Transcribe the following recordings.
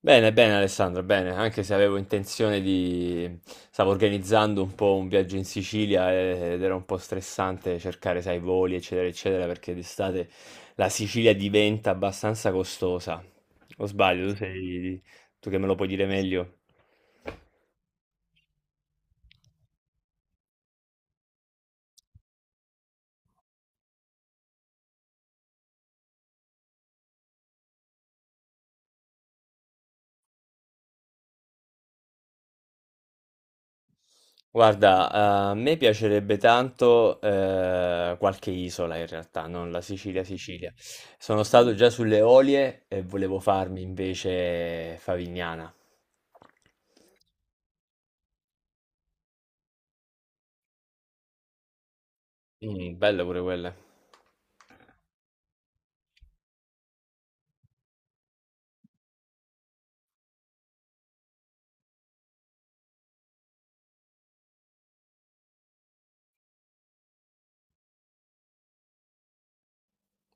Bene, bene Alessandro, bene, anche se avevo intenzione di stavo organizzando un po' un viaggio in Sicilia ed era un po' stressante cercare, sai, voli, eccetera, eccetera, perché d'estate la Sicilia diventa abbastanza costosa. O sbaglio, tu sei tu che me lo puoi dire meglio. Guarda, a me piacerebbe tanto qualche isola in realtà, non la Sicilia, Sicilia. Sono stato già sulle Olie e volevo farmi invece Favignana. Belle pure quelle.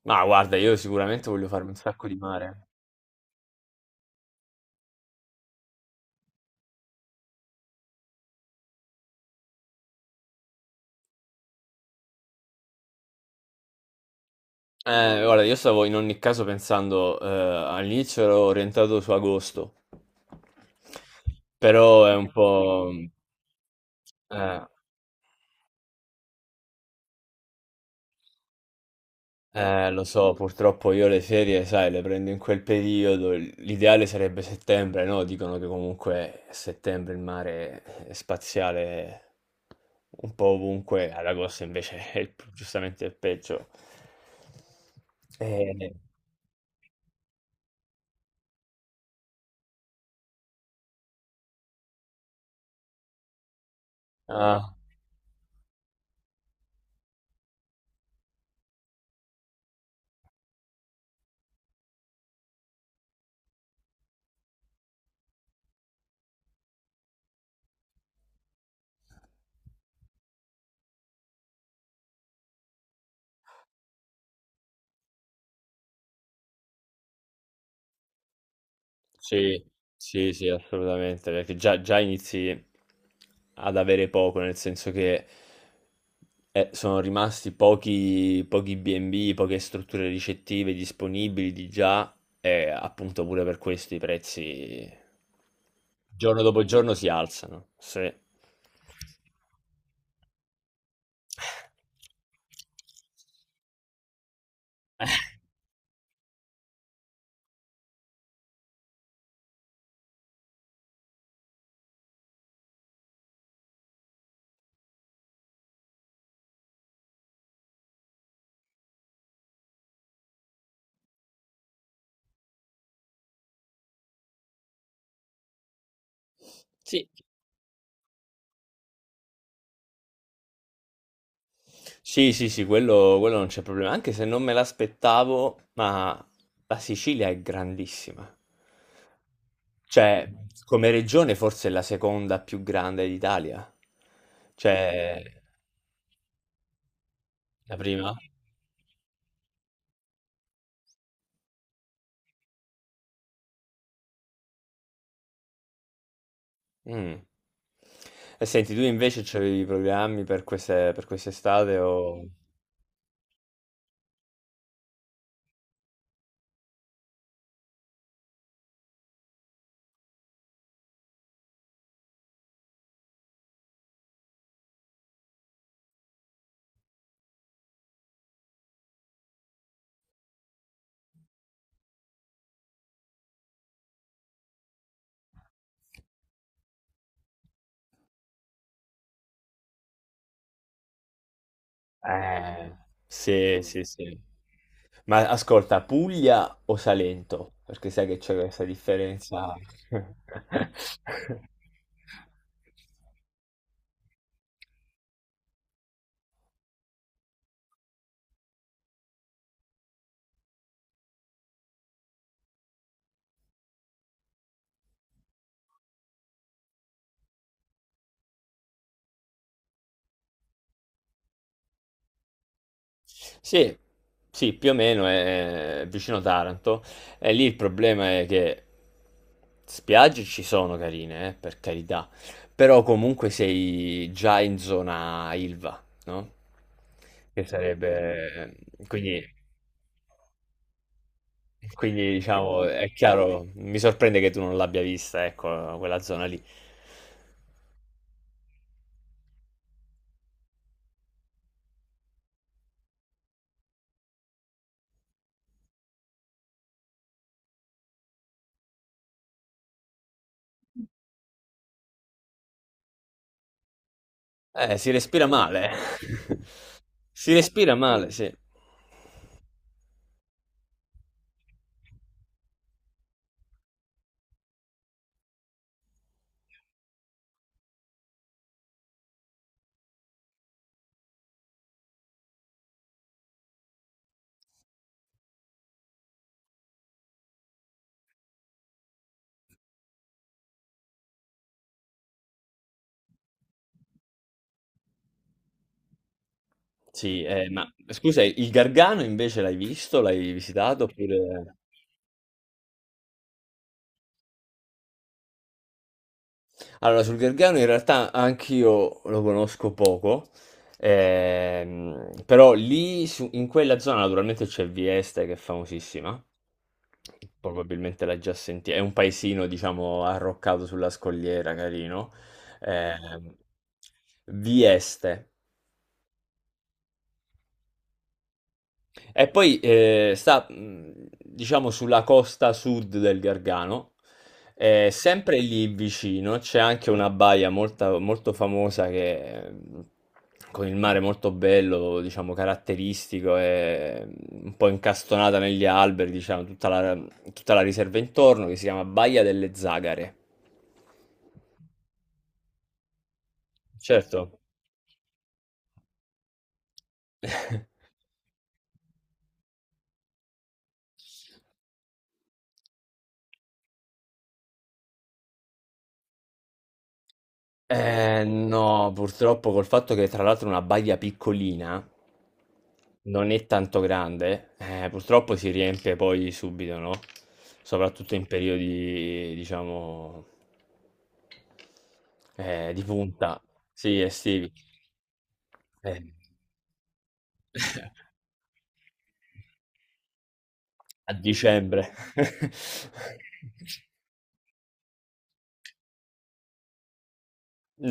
Ma guarda, io sicuramente voglio farmi un sacco di mare. Guarda, io stavo in ogni caso pensando, all'inizio ero orientato su agosto, però è un po' eh. Lo so, purtroppo io le ferie, sai, le prendo in quel periodo. L'ideale sarebbe settembre, no? Dicono che comunque a settembre il mare è spaziale un po' ovunque, ad agosto invece è giustamente il peggio. Eh, ah, Sì, sì, sì, assolutamente, perché già, già inizi ad avere poco, nel senso che sono rimasti pochi, pochi B&B, poche strutture ricettive disponibili di già e appunto pure per questo i prezzi giorno dopo giorno si alzano. Sì. Sì. Sì, sì, sì, quello non c'è problema, anche se non me l'aspettavo, ma la Sicilia è grandissima. Cioè, come regione forse è la seconda più grande d'Italia. Cioè, la prima? Mm. E senti, tu invece c'avevi programmi per queste, per quest'estate o... Eh, sì, sì, sì. Ma ascolta, Puglia o Salento? Perché sai che c'è questa differenza. Sì, sì, più o meno è vicino Taranto. E lì il problema è che spiagge ci sono carine, per carità, però comunque sei già in zona Ilva, no? Che sarebbe... Quindi, quindi diciamo, è chiaro, mi sorprende che tu non l'abbia vista, ecco, quella zona lì. Si respira male. Si respira male, sì. Sì, ma scusa, il Gargano invece l'hai visto? L'hai visitato? Oppure... Allora, sul Gargano in realtà anch'io lo conosco poco, però in quella zona naturalmente c'è Vieste che è famosissima, probabilmente l'hai già sentita, è un paesino diciamo arroccato sulla scogliera, carino. ehm, Vieste. E poi diciamo, sulla costa sud del Gargano, eh, sempre lì vicino c'è anche una baia molto famosa che, con il mare molto bello, diciamo, caratteristico, e un po' incastonata negli alberi, diciamo, tutta la riserva intorno, che si chiama Baia delle Zagare. Certo. Eh no, purtroppo col fatto che tra l'altro è una baia piccolina, non è tanto grande, purtroppo si riempie poi subito, no? Soprattutto in periodi, diciamo, di punta, sì, estivi, eh, a dicembre.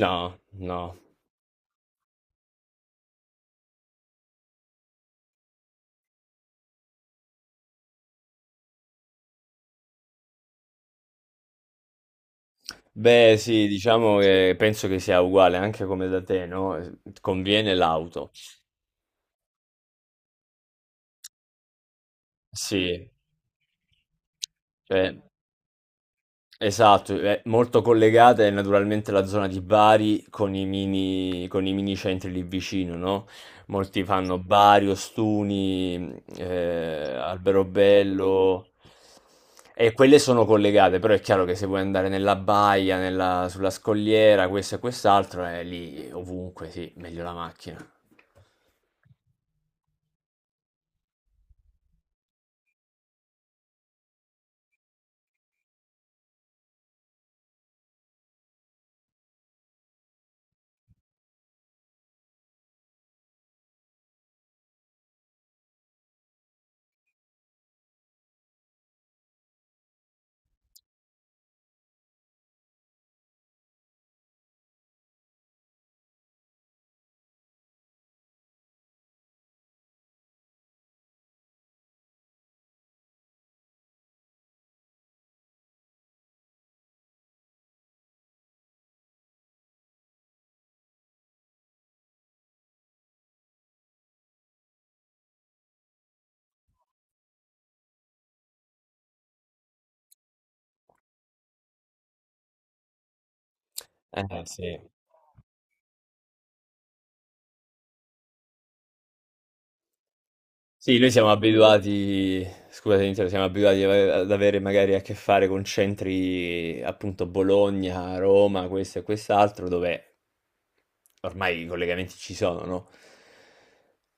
No, no. Beh, sì, diciamo che penso che sia uguale anche come da te, no? Conviene l'auto. Sì, eh, esatto, è molto collegata è naturalmente la zona di Bari con con i mini centri lì vicino, no? Molti fanno Bari, Ostuni, Alberobello e quelle sono collegate, però è chiaro che se vuoi andare nella baia, sulla scogliera, questo e quest'altro, è lì ovunque, sì, meglio la macchina. Eh sì. Sì, noi siamo abituati, scusate, Nintendo, siamo abituati ad avere magari a che fare con centri appunto Bologna, Roma, questo e quest'altro, dove ormai i collegamenti ci sono, no?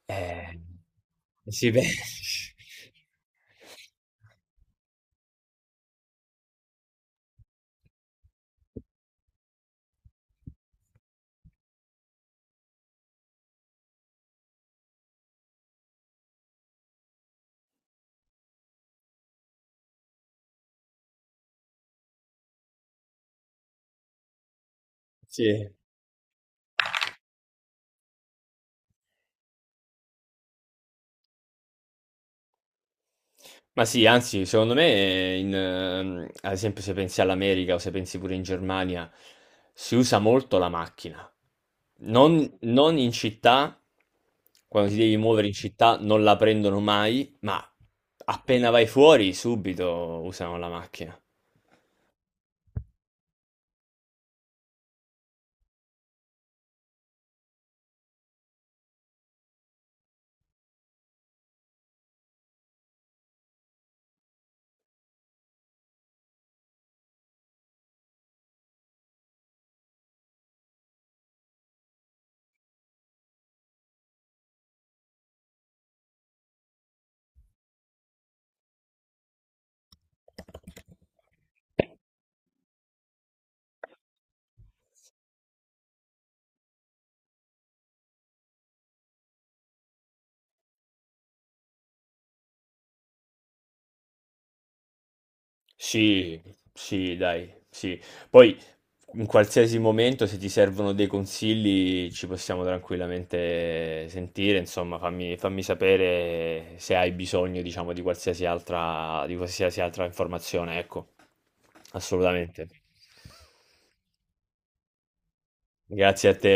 Eh, sì, beh, sì. Ma sì, anzi, secondo me, ad esempio, se pensi all'America o se pensi pure in Germania, si usa molto la macchina. Non in città, quando ti devi muovere in città, non la prendono mai, ma appena vai fuori, subito usano la macchina. Sì, sì, dai, sì. Poi in qualsiasi momento se ti servono dei consigli ci possiamo tranquillamente sentire, insomma, fammi sapere se hai bisogno, diciamo, di qualsiasi altra informazione, ecco. Assolutamente. Grazie a te.